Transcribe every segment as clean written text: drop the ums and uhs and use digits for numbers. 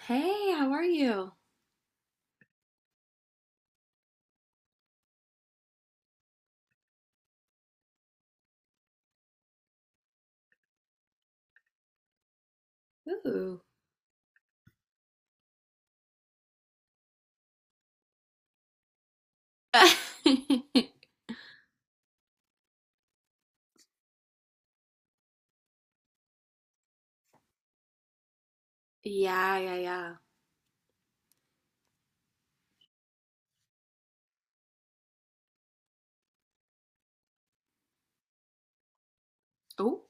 Hey, how are you? Ooh. Yeah, yeah, yeah. Oh,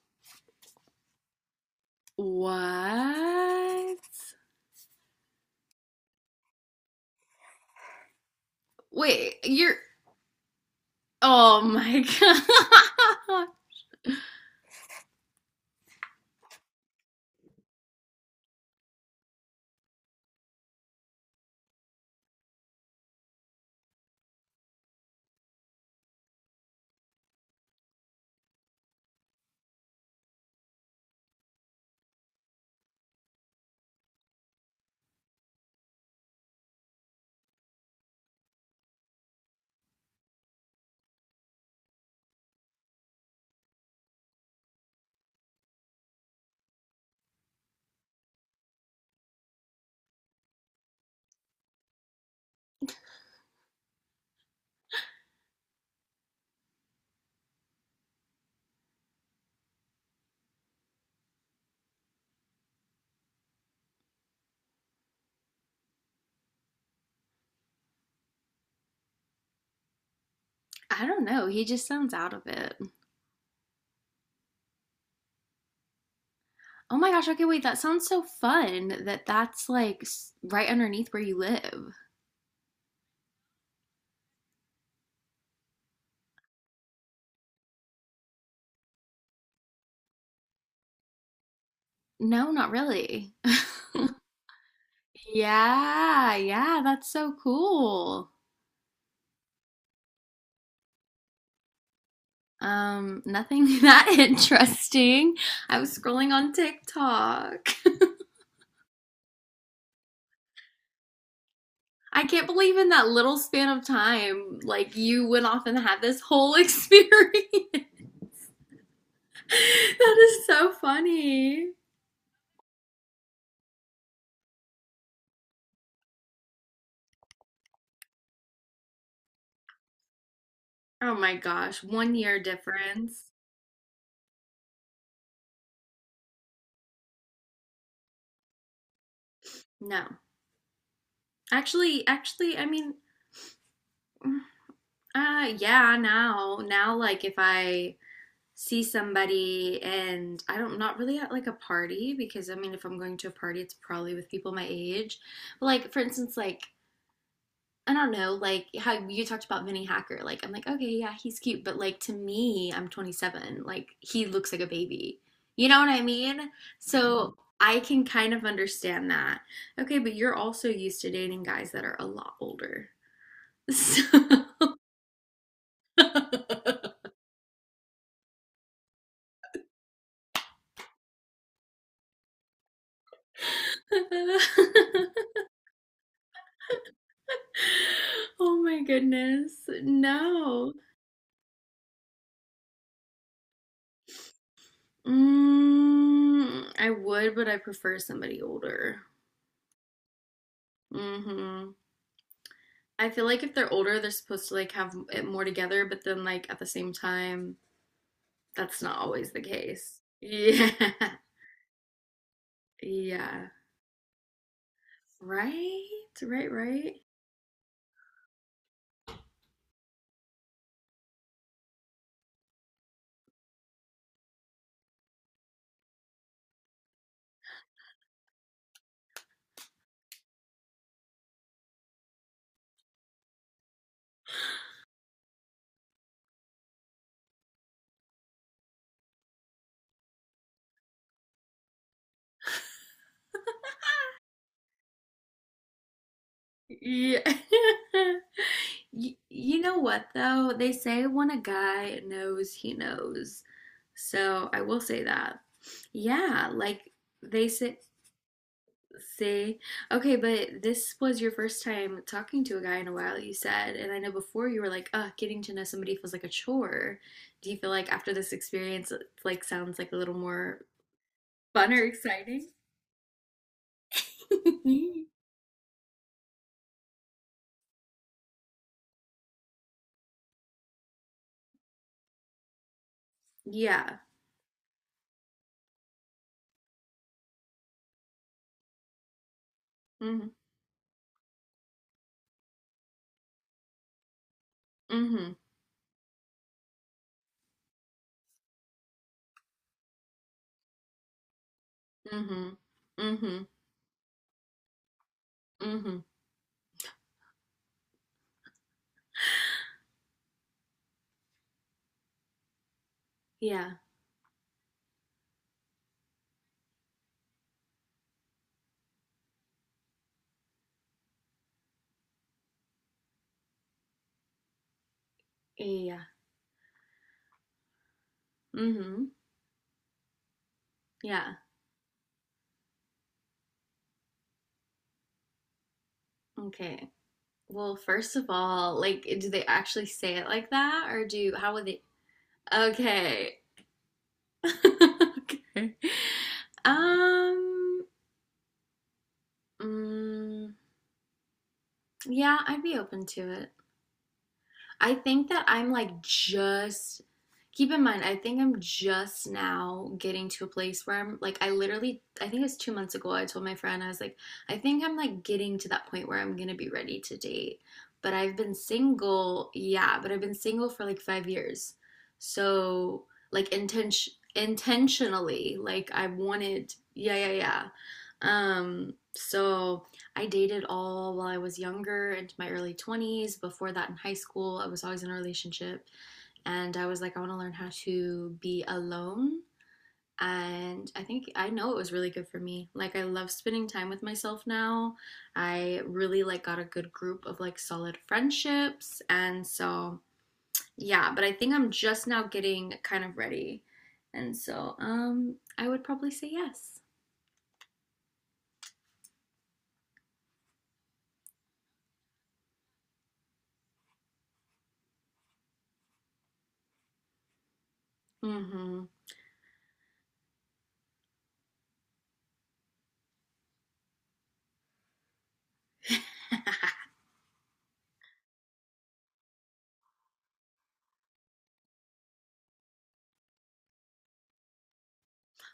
what? Wait, you're. Oh my God. I don't know. He just sounds out of it. Oh my gosh. Okay, wait. That sounds so fun that that's right underneath where you live. No, not really. Yeah, yeah. That's so cool. Nothing that interesting. I was scrolling on TikTok. I can't believe in that little span of time, like you went off and had this whole experience. That is so funny. Oh my gosh, 1 year difference. No. Actually, I mean, yeah, now, like if I see somebody and I don't, not really at like a party, because I mean, if I'm going to a party, it's probably with people my age. But like, for instance, like I don't know, like how you talked about Vinny Hacker. Like, I'm like, okay, yeah, he's cute, but like to me, I'm 27. Like, he looks like a baby. You know what I mean? So I can kind of understand that. Okay, but you're also used to dating guys that are a lot older. So. Oh my goodness. No. Mm, I would, but I prefer somebody older. Hmm. I feel like if they're older, they're supposed to like have it more together, but then like at the same time, that's not always the case. Yeah. Yeah. Right? Right, right. Yeah. Y- You know what though? They say when a guy knows, he knows. So I will say that. Yeah, like they say. See, okay, but this was your first time talking to a guy in a while, you said, and I know before you were like, "Ugh, getting to know somebody feels like a chore." Do you feel like after this experience, it like sounds like a little more fun or exciting? Yeah. Mm-hmm. Mm-hmm. Mm-hmm. Mm-hmm. Mm-hmm. Yeah. Yeah. Mm-hmm. Yeah. Okay. Well, first of all, like, do they actually say it like that, or do how would they? Okay. Okay. Um, mm, yeah, I'd be open to it. I think that I'm like just keep in mind, I think I'm just now getting to a place where I'm like I literally I think it was 2 months ago I told my friend I was like, I think I'm like getting to that point where I'm gonna be ready to date. But I've been single, yeah, but I've been single for like 5 years. So like intentionally, like I wanted yeah, yeah, yeah. So I dated all while I was younger, into my early 20s. Before that, in high school, I was always in a relationship. And I was like, I want to learn how to be alone. And I think I know it was really good for me. Like, I love spending time with myself now. I really like got a good group of like solid friendships. And so, yeah, but I think I'm just now getting kind of ready. And so, I would probably say yes. Mm hmm.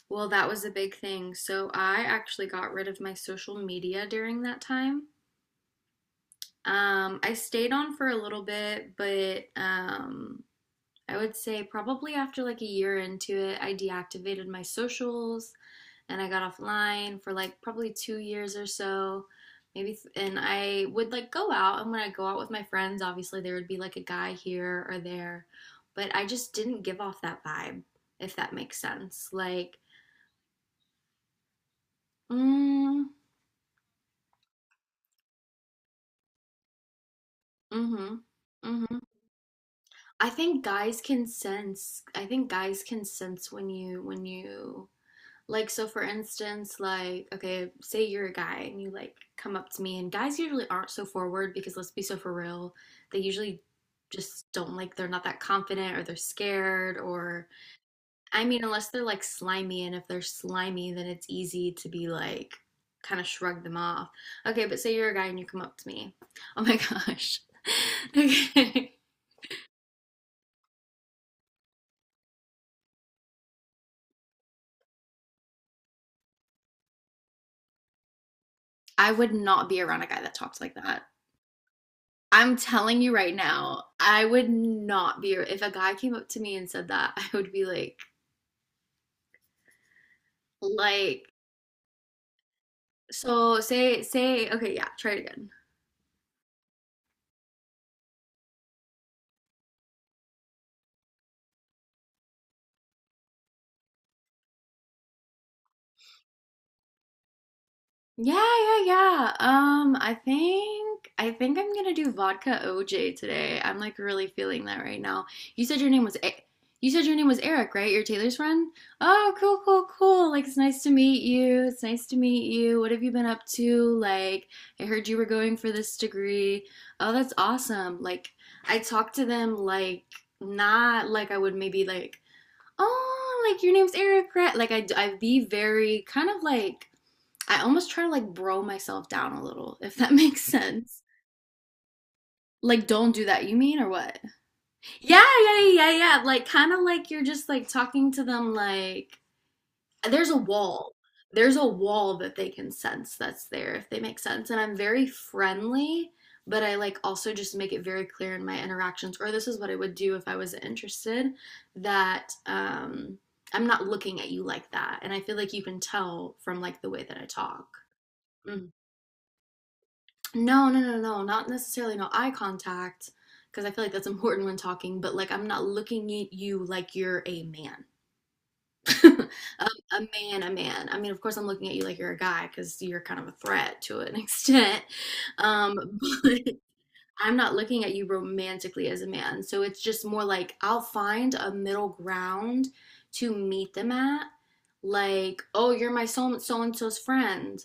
Well, that was a big thing. So I actually got rid of my social media during that time. I stayed on for a little bit, but I would say probably after like a year into it, I deactivated my socials and I got offline for like probably 2 years or so. Maybe, and I would like go out, and when I go out with my friends, obviously there would be like a guy here or there, but I just didn't give off that vibe, if that makes sense. Like, mm. Mhm. Mhm. I think guys can sense. I think guys can sense when you like so for instance, like okay, say you're a guy and you like come up to me and guys usually aren't so forward because let's be so for real, they usually just don't like they're not that confident or they're scared or I mean unless they're like slimy and if they're slimy then it's easy to be like kind of shrug them off. Okay, but say you're a guy and you come up to me. Oh my gosh. Okay. I would not be around a guy that talked like that. I'm telling you right now, I would not be if a guy came up to me and said that, I would be like, so say okay, yeah, try it again. Yeah, yeah, yeah. I think I'm gonna do vodka OJ today. I'm like really feeling that right now. You said your name was you said your name was Eric, right? You're Taylor's friend? Oh, cool. Like it's nice to meet you. It's nice to meet you. What have you been up to? Like I heard you were going for this degree. Oh, that's awesome. Like I talked to them like not like I would maybe like, "Oh, like your name's Eric, right?" Like I'd be very kind of like I almost try to like bro myself down a little, if that makes sense. Like, don't do that, you mean, or what? Yeah. Like, kind of like you're just like talking to them, like, there's a wall. There's a wall that they can sense that's there, if they make sense. And I'm very friendly, but I like also just make it very clear in my interactions, or this is what I would do if I was interested, that I'm not looking at you like that. And I feel like you can tell from like the way that I talk. No, No, not necessarily no eye contact, because I feel like that's important when talking, but like I'm not looking at you like you're a man. A man. I mean, of course, I'm looking at you like you're a guy because you're kind of a threat to an extent. But I'm not looking at you romantically as a man. So it's just more like I'll find a middle ground to meet them at. Like, oh, you're my and so's friend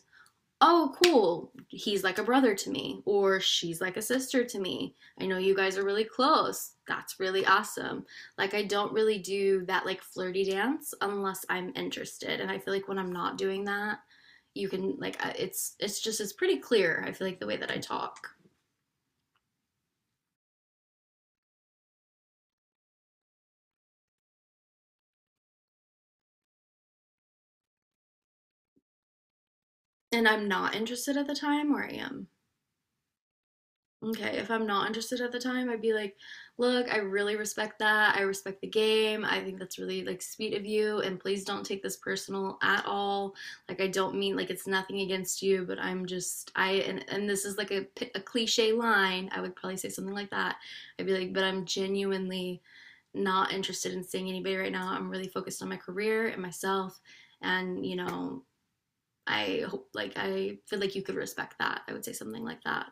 oh, cool, he's like a brother to me, or she's like a sister to me. I know you guys are really close. That's really awesome. Like, I don't really do that like flirty dance unless I'm interested. And I feel like when I'm not doing that, you can like it's just it's pretty clear I feel like the way that I talk and I'm not interested at the time or I am. Okay, if I'm not interested at the time, I'd be like, look, I really respect that. I respect the game. I think that's really like sweet of you, and please don't take this personal at all. Like I don't mean like it's nothing against you, but I'm just I and this is like a cliche line. I would probably say something like that. I'd be like, but I'm genuinely not interested in seeing anybody right now. I'm really focused on my career and myself, and you know, I hope like I feel like you could respect that. I would say something like that.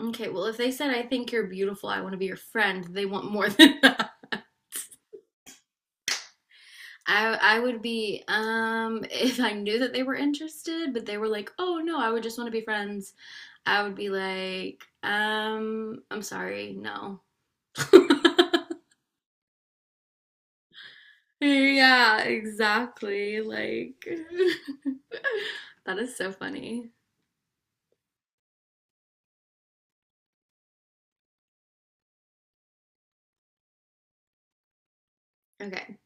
Okay, well, if they said, I think you're beautiful, I want to be your friend, they want more than that. I would be, if I knew that they were interested, but they were like, oh no, I would just want to be friends, I would be like, I'm sorry, no. Yeah, exactly. Like, that is so funny. Okay,